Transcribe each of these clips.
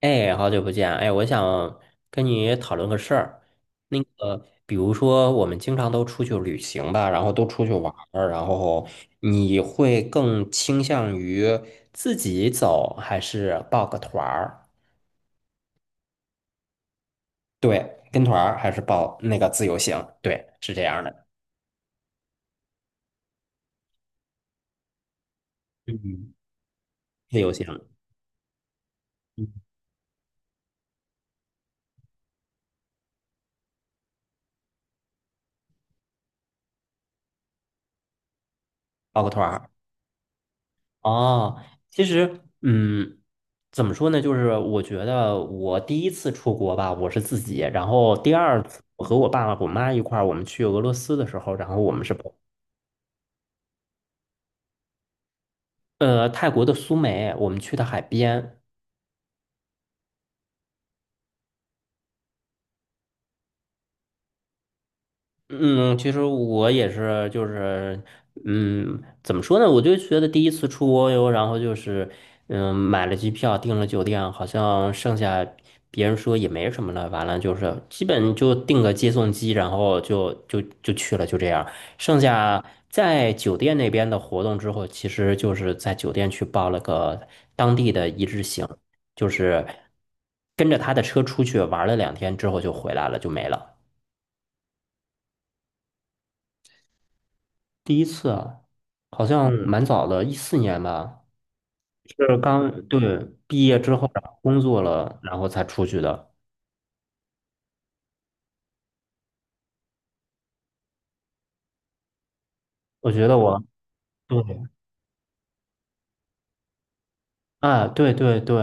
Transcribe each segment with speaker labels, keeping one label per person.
Speaker 1: 哎，好久不见啊！哎，我想跟你讨论个事儿。那个，比如说，我们经常都出去旅行吧，然后都出去玩儿，然后你会更倾向于自己走，还是报个团儿？对，跟团儿还是报那个自由行？对，是这样的。嗯，自由行，嗯报个团儿。哦，其实，嗯，怎么说呢？就是我觉得我第一次出国吧，我是自己，然后第二次我和我爸爸、我妈一块儿，我们去俄罗斯的时候，然后我们是跑泰国的苏梅，我们去的海边。嗯，其实我也是，就是，嗯，怎么说呢？我就觉得第一次出国游，然后就是，嗯，买了机票，订了酒店，好像剩下别人说也没什么了，完了就是基本就订个接送机，然后就去了，就这样。剩下在酒店那边的活动之后，其实就是在酒店去报了个当地的一日行，就是跟着他的车出去玩了2天之后就回来了，就没了。第一次啊，好像蛮早的，14年吧，是刚对毕业之后，然后工作了，然后才出去的。我觉得我对啊，对对对，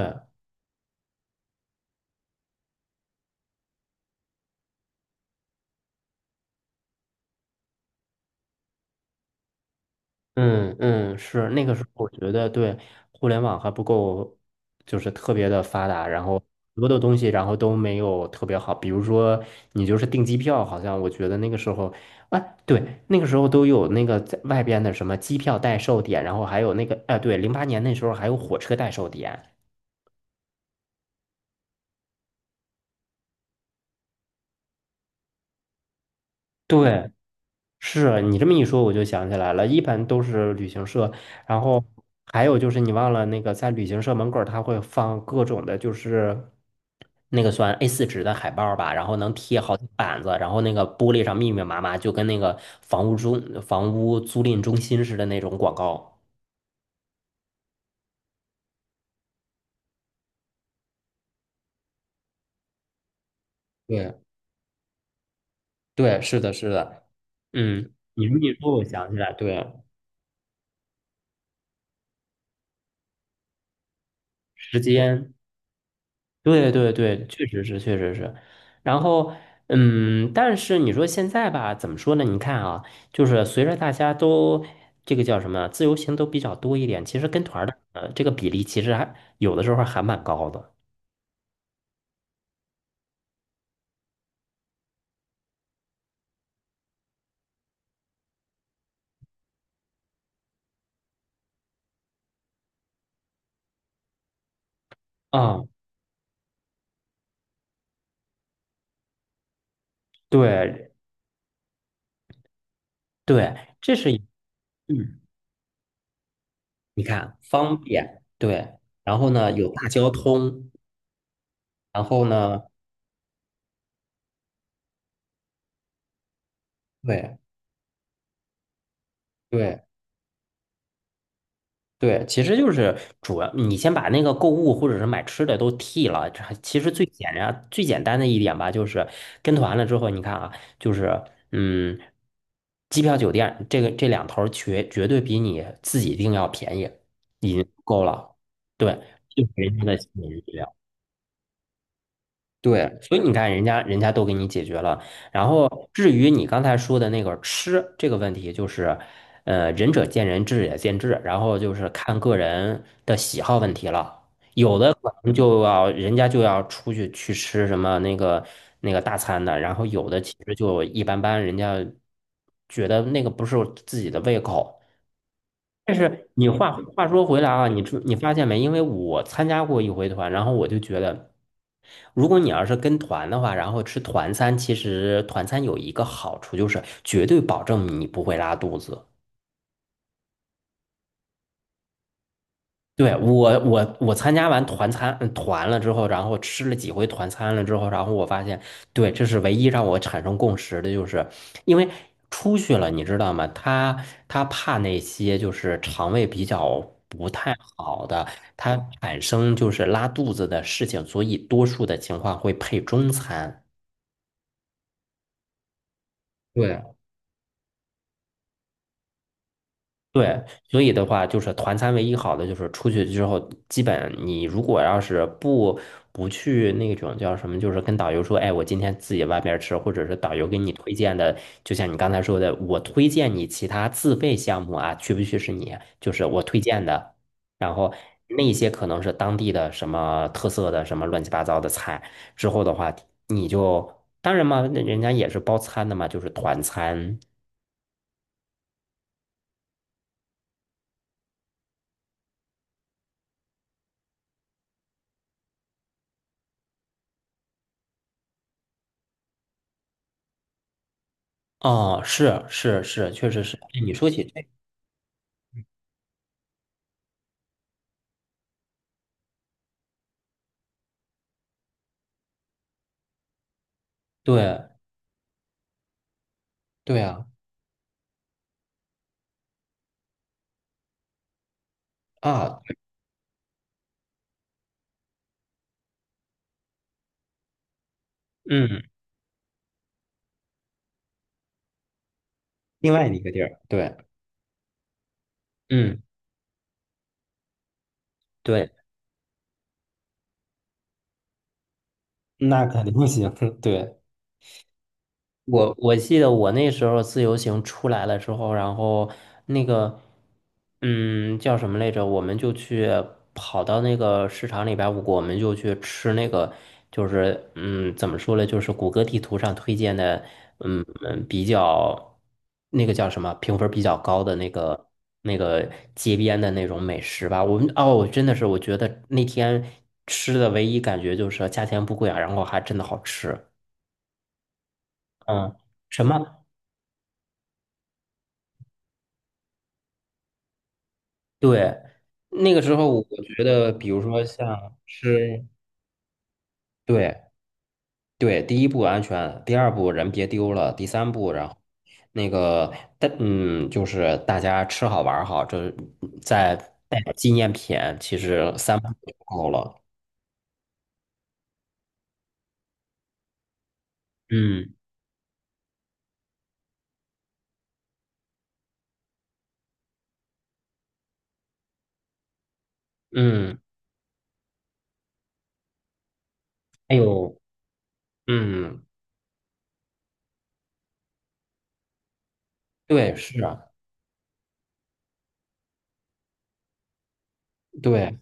Speaker 1: 嗯嗯，是那个时候，我觉得对互联网还不够，就是特别的发达，然后很多的东西，然后都没有特别好。比如说，你就是订机票，好像我觉得那个时候，哎，对，那个时候都有那个在外边的什么机票代售点，然后还有那个，哎，对，08年那时候还有火车代售点。对是你这么一说，我就想起来了，一般都是旅行社，然后还有就是你忘了那个在旅行社门口儿，他会放各种的，就是那个算 A4 纸的海报儿吧，然后能贴好几板子，然后那个玻璃上密密麻麻，就跟那个房屋租赁中心似的那种广告。对对，是的，是的，嗯，你这么一说，我想起来，对，时间。对对对，确实是，确实是。然后，嗯，但是你说现在吧，怎么说呢？你看啊，就是随着大家都这个叫什么，自由行都比较多一点，其实跟团儿的这个比例其实还有的时候还蛮高的。啊，对对，这是一嗯，你看方便，对，然后呢有大交通，然后呢，对对，对，其实就是主要你先把那个购物或者是买吃的都替了。这还其实最简单、最简单的一点吧，就是跟团了之后，你看啊，就是嗯，机票、酒店这个这两头儿绝对比你自己订要便宜，已经够了。对，就是人家的心理学对，所以你看，人家都给你解决了。然后，至于你刚才说的那个吃这个问题，就是，仁者见仁，智者见智，然后就是看个人的喜好问题了。有的可能就要人家就要出去去吃什么那个那个大餐的，然后有的其实就一般般，人家觉得那个不是自己的胃口。是你话说回来啊，你知你发现没？因为我参加过一回团，然后我就觉得，如果你要是跟团的话，然后吃团餐，其实团餐有一个好处就是绝对保证你不会拉肚子。对，我参加完团餐嗯团了之后，然后吃了几回团餐了之后，然后我发现，对，这是唯一让我产生共识的，就是因为出去了，你知道吗？他怕那些就是肠胃比较不太好的，他产生就是拉肚子的事情，所以多数的情况会配中餐。对，对，所以的话，就是团餐唯一好的就是出去之后，基本你如果要是不去那种叫什么，就是跟导游说，哎，我今天自己外边吃，或者是导游给你推荐的，就像你刚才说的，我推荐你其他自费项目啊，去不去是你，就是我推荐的，然后那些可能是当地的什么特色的什么乱七八糟的菜，之后的话，你就当然嘛，那人家也是包餐的嘛，就是团餐。啊，是是是，确实是。哎你说起这，对对啊啊，嗯，另外一个地儿，对，嗯对，那肯定不行，对，我记得我那时候自由行出来了之后，然后那个，嗯，叫什么来着？我们就去跑到那个市场里边儿我们就去吃那个，就是嗯，怎么说呢？就是谷歌地图上推荐的，嗯嗯，比较那个叫什么评分比较高的那个那个街边的那种美食吧。我们哦，真的是我觉得那天吃的唯一感觉就是价钱不贵啊，然后还真的好吃。嗯。什么？对，那个时候我觉得，比如说像吃，对对，第一步安全，第二步人别丢了，第三步，然后那个，但嗯，就是大家吃好玩儿好，这再带点纪念品，其实三步就够了。嗯嗯，还有嗯，对，是啊，对，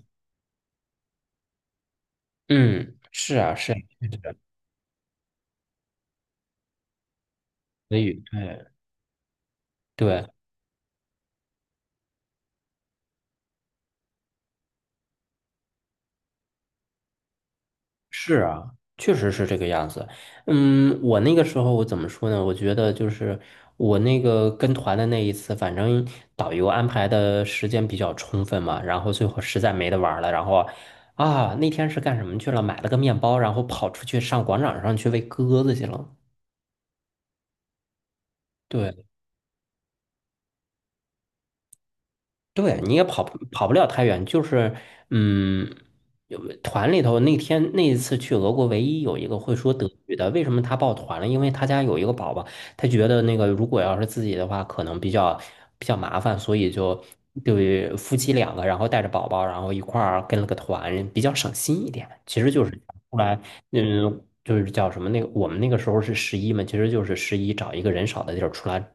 Speaker 1: 嗯，是啊，是啊，是啊，所以对对。是啊，确实是这个样子。嗯，我那个时候我怎么说呢？我觉得就是我那个跟团的那一次，反正导游安排的时间比较充分嘛，然后最后实在没得玩儿了，然后啊，那天是干什么去了？买了个面包，然后跑出去上广场上去喂鸽子去了。对。对，你也跑不了太远，就是嗯，有团里头那天那一次去俄国，唯一有一个会说德语的，为什么他报团了？因为他家有一个宝宝，他觉得那个如果要是自己的话，可能比较麻烦，所以就对夫妻两个，然后带着宝宝，然后一块儿跟了个团，比较省心一点。其实就是出来，嗯，就是叫什么那个，我们那个时候是十一嘛，其实就是十一找一个人少的地儿出来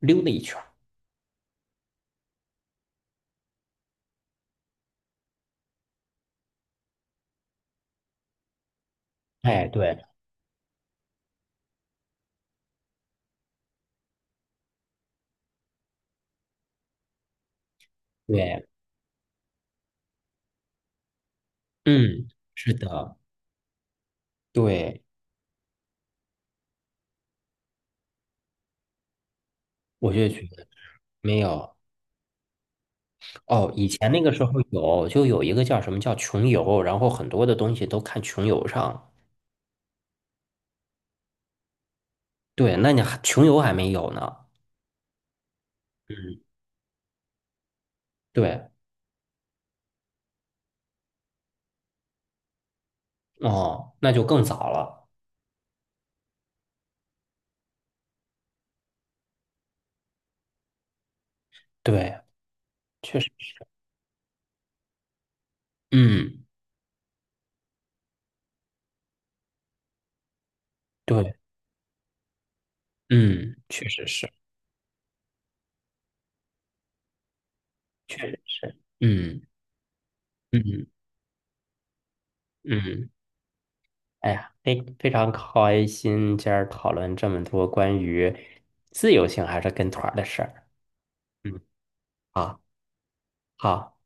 Speaker 1: 溜达一圈儿。哎，对。对，嗯，是的，对，我就觉得没有哦。以前那个时候有，就有一个叫什么叫穷游，然后很多的东西都看穷游上。对，那你还穷游还没有呢。嗯，对，哦，那就更早了。对，确实是。嗯，对，嗯，确实是，确实是。嗯嗯嗯，哎呀，非常开心，今儿讨论这么多关于自由行还是跟团儿的事儿。嗯，好，好。